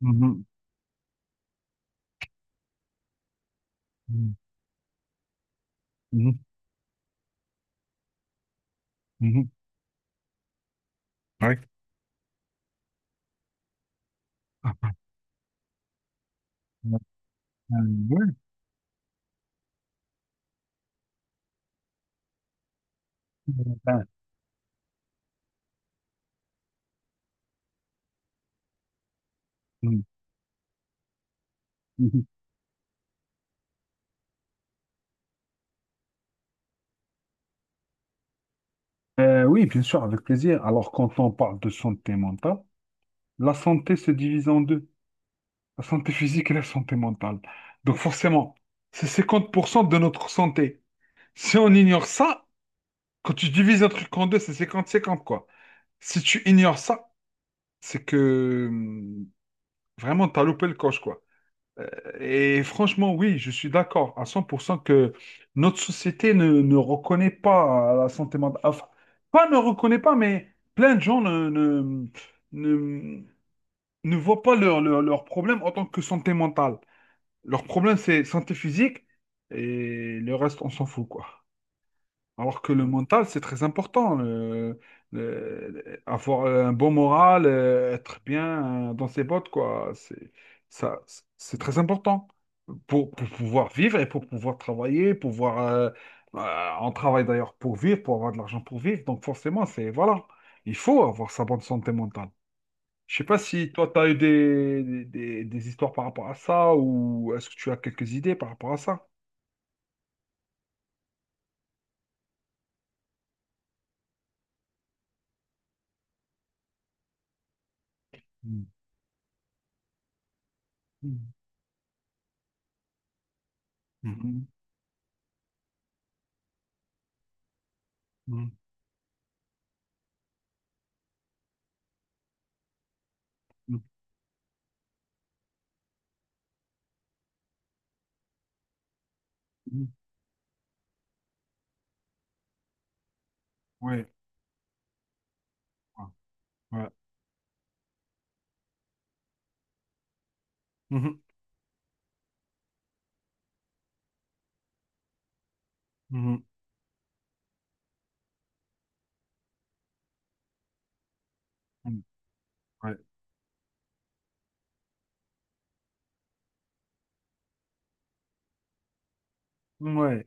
Mhm. Mhm. Mhm. Mhm. Ouais. Ah, ah, ah, ouais. Ah, mhm. Mhm. Oui, bien sûr, avec plaisir. Alors, quand on parle de santé mentale, la santé se divise en deux, la santé physique et la santé mentale. Donc, forcément, c'est 50% de notre santé. Si on ignore ça, quand tu divises un truc en deux, c'est 50-50, quoi. Si tu ignores ça, c'est que vraiment, t'as loupé le coche, quoi. Euh, Et franchement, oui, je suis d'accord à 100% que notre société ne reconnaît pas la santé mentale. Enfin, pas ne reconnaît pas, mais plein de gens ne, ne voient pas leur problème en tant que santé mentale. Leur problème, c'est santé physique et le reste, on s'en fout, quoi. Alors que le mental, c'est très important. Avoir un bon moral, être bien dans ses bottes, quoi. Ça, c'est très important pour pouvoir vivre et pour pouvoir travailler, pouvoir. On travaille d'ailleurs pour vivre, pour avoir de l'argent pour vivre. Donc forcément, c'est voilà, il faut avoir sa bonne santé mentale. Je sais pas si toi, tu as eu des histoires par rapport à ça ou est-ce que tu as quelques idées par rapport à ça? Mm. Mm. Mm. Mm. Mm. Mm. Oui. Ouais. Mhm, mhm, mhm. Ouais. Mmh, Ouais.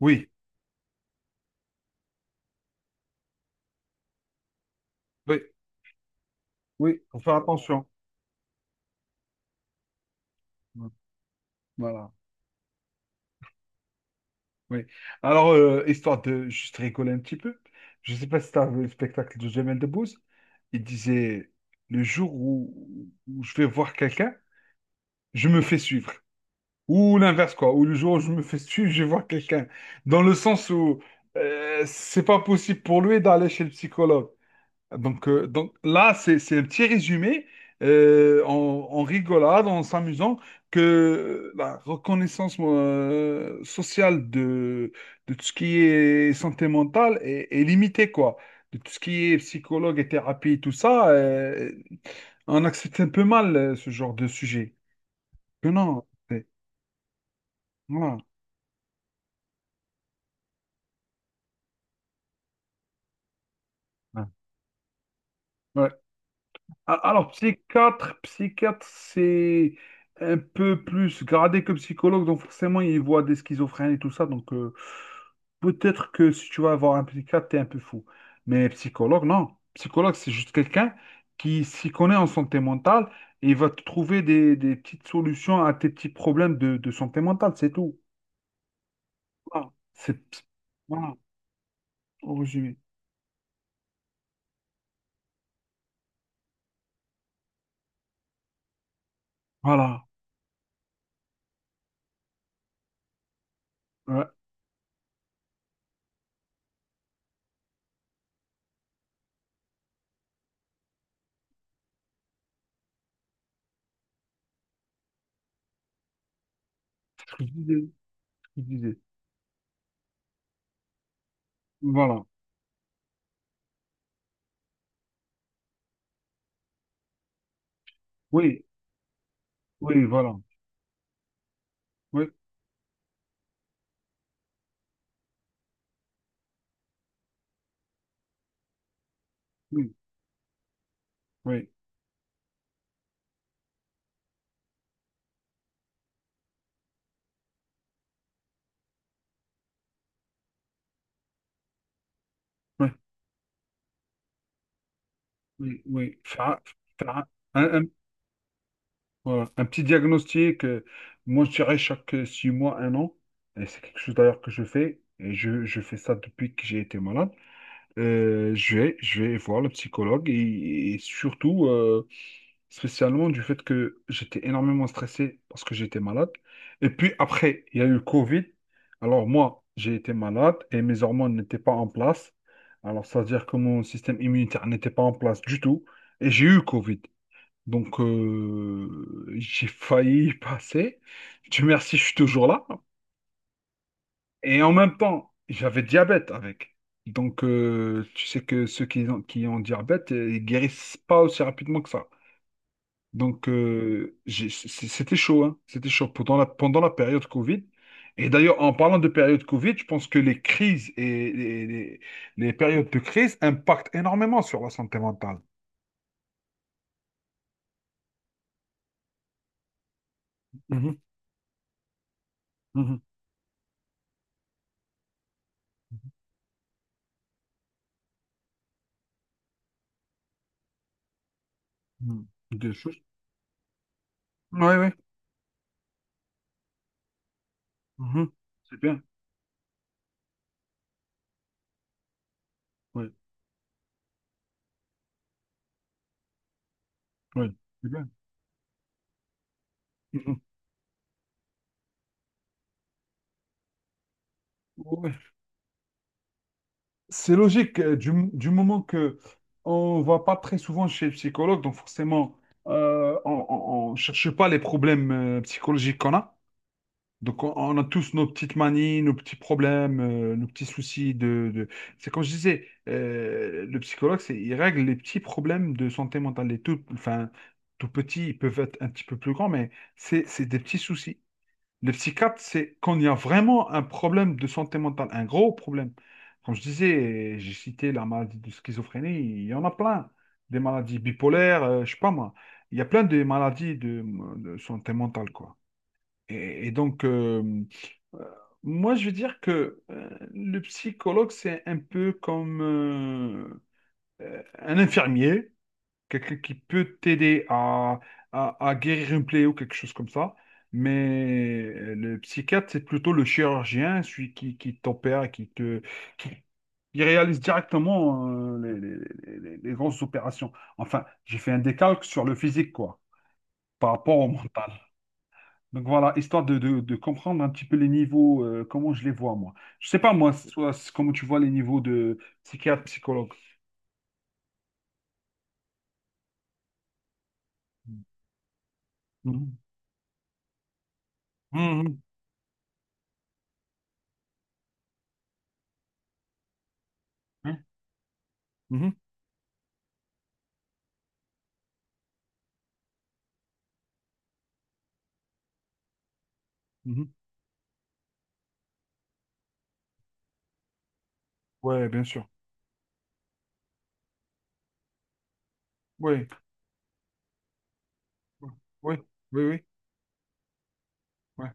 Oui, oui, oui, faut faire attention. Ouais. Voilà, oui. Alors, histoire de juste rigoler un petit peu, je ne sais pas si tu as vu le spectacle de Jamel Debbouze, il disait, le jour où je vais voir quelqu'un, je me fais suivre. Ou l'inverse, quoi. Ou le jour où je me fais suivre, je vais voir quelqu'un. Dans le sens où c'est pas possible pour lui d'aller chez le psychologue. Donc, là, c'est un petit résumé euh, en, en rigolade, en s'amusant, que la reconnaissance sociale de tout ce qui est santé mentale est limitée, quoi. De tout ce qui est psychologue et thérapie, et tout ça, on accepte un peu mal ce genre de sujet. Que non, voilà. Ouais. Alors, psychiatre, c'est un peu plus gradé que psychologue, donc forcément, il voit des schizophrènes et tout ça, donc peut-être que si tu vas voir un psychiatre, t'es un peu fou. Mais psychologue, non. Psychologue, c'est juste quelqu'un qui s'y connaît en santé mentale et il va te trouver des petites solutions à tes petits problèmes de santé mentale, c'est tout. Voilà. Voilà, au résumé. Voilà. Ouais, ce que je disais, ce que je disais. Voilà. Oui, oui, voilà. Oui, oui. Oui, oui, oui, oui. Faire un, un- voilà, un petit diagnostic, moi je dirais chaque 6 mois, un an, et c'est quelque chose d'ailleurs que je fais, et je fais ça depuis que j'ai été malade. Je vais, je vais, voir le psychologue et surtout spécialement du fait que j'étais énormément stressé parce que j'étais malade. Et puis après, il y a eu le Covid. Alors moi, j'ai été malade et mes hormones n'étaient pas en place. Alors ça veut dire que mon système immunitaire n'était pas en place du tout. Et j'ai eu le Covid. Donc j'ai failli y passer. Dieu merci, je suis toujours là. Et en même temps, j'avais diabète avec. Donc, tu sais que ceux qui ont diabète, ils guérissent pas aussi rapidement que ça. Donc, C'était chaud, hein. C'était chaud pendant la période Covid. Et d'ailleurs, en parlant de période Covid, je pense que les crises et les périodes de crise impactent énormément sur la santé mentale. Mhm, mhm, mhm. Des choses. Oui, oui. Mhm. C'est bien. Oui, oui. C'est bien. Mhm. Ouais. C'est logique, du moment que on va pas très souvent chez le psychologue, donc forcément, on ne cherche pas les problèmes psychologiques qu'on a. Donc, on a tous nos petites manies, nos petits problèmes, nos petits soucis de. C'est comme je disais, le psychologue, il règle les petits problèmes de santé mentale. Les tout, enfin, tout petits, ils peuvent être un petit peu plus grands, mais c'est des petits soucis. Le psychiatre, c'est quand il y a vraiment un problème de santé mentale, un gros problème. Comme je disais, j'ai cité la maladie de schizophrénie, il y en a plein. Des maladies bipolaires, je sais pas moi. Il y a plein de maladies de santé mentale, quoi. Et donc, euh, moi, je veux dire que le psychologue, c'est un peu comme un infirmier, quelqu'un qui peut t'aider à guérir une plaie ou quelque chose comme ça. Mais le psychiatre, c'est plutôt le chirurgien, celui qui t'opère, qui, qui réalise directement les grosses opérations. Enfin, j'ai fait un décalque sur le physique, quoi, par rapport au mental. Donc voilà, histoire de comprendre un petit peu les niveaux, comment je les vois moi. Je sais pas moi, comment tu vois les niveaux de psychiatre, psychologue. Mhm. Mhm. Mhm. Mhm. Mhm. Ouais, bien sûr. Oui, oui, oui, oui. Ouais.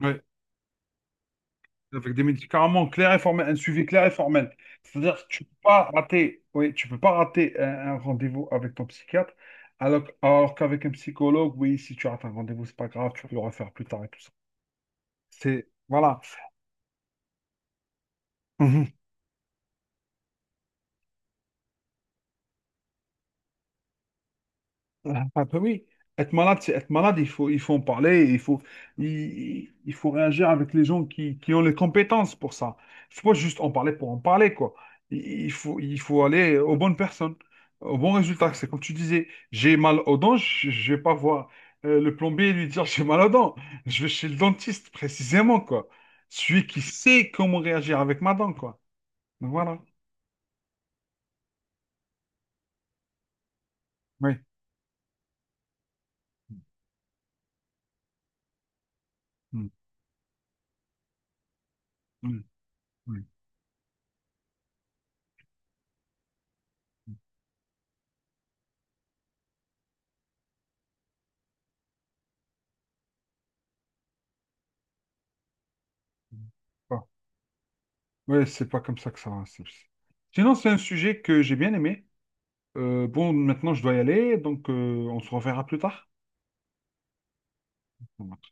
Ouais. Avec des médicaments clairs et formels, un suivi clair et formel. C'est-à-dire que tu peux pas rater, oui, tu peux pas rater un rendez-vous avec ton psychiatre, alors qu'avec un psychologue, oui, si tu rates un rendez-vous, c'est pas grave, tu peux le refaire plus tard et tout ça. Voilà. Ah, ah, bah oui, être malade, c'est être malade, il faut en parler, il faut réagir avec les gens qui ont les compétences pour ça. Il faut pas juste en parler pour en parler, quoi. Il faut aller aux bonnes personnes, aux bons résultats. C'est comme tu disais, j'ai mal aux dents, je vais pas voir le plombier et lui dire j'ai mal aux dents. Je vais chez le dentiste, précisément, quoi. Celui qui sait comment réagir avec ma dent, quoi. Donc voilà. Oui. Mm, mm, mm, mm. Ouais, c'est pas comme ça que ça va. Sinon, c'est un sujet que j'ai bien aimé. Bon, maintenant, je dois y aller, donc on se reverra plus tard. Bon, bah.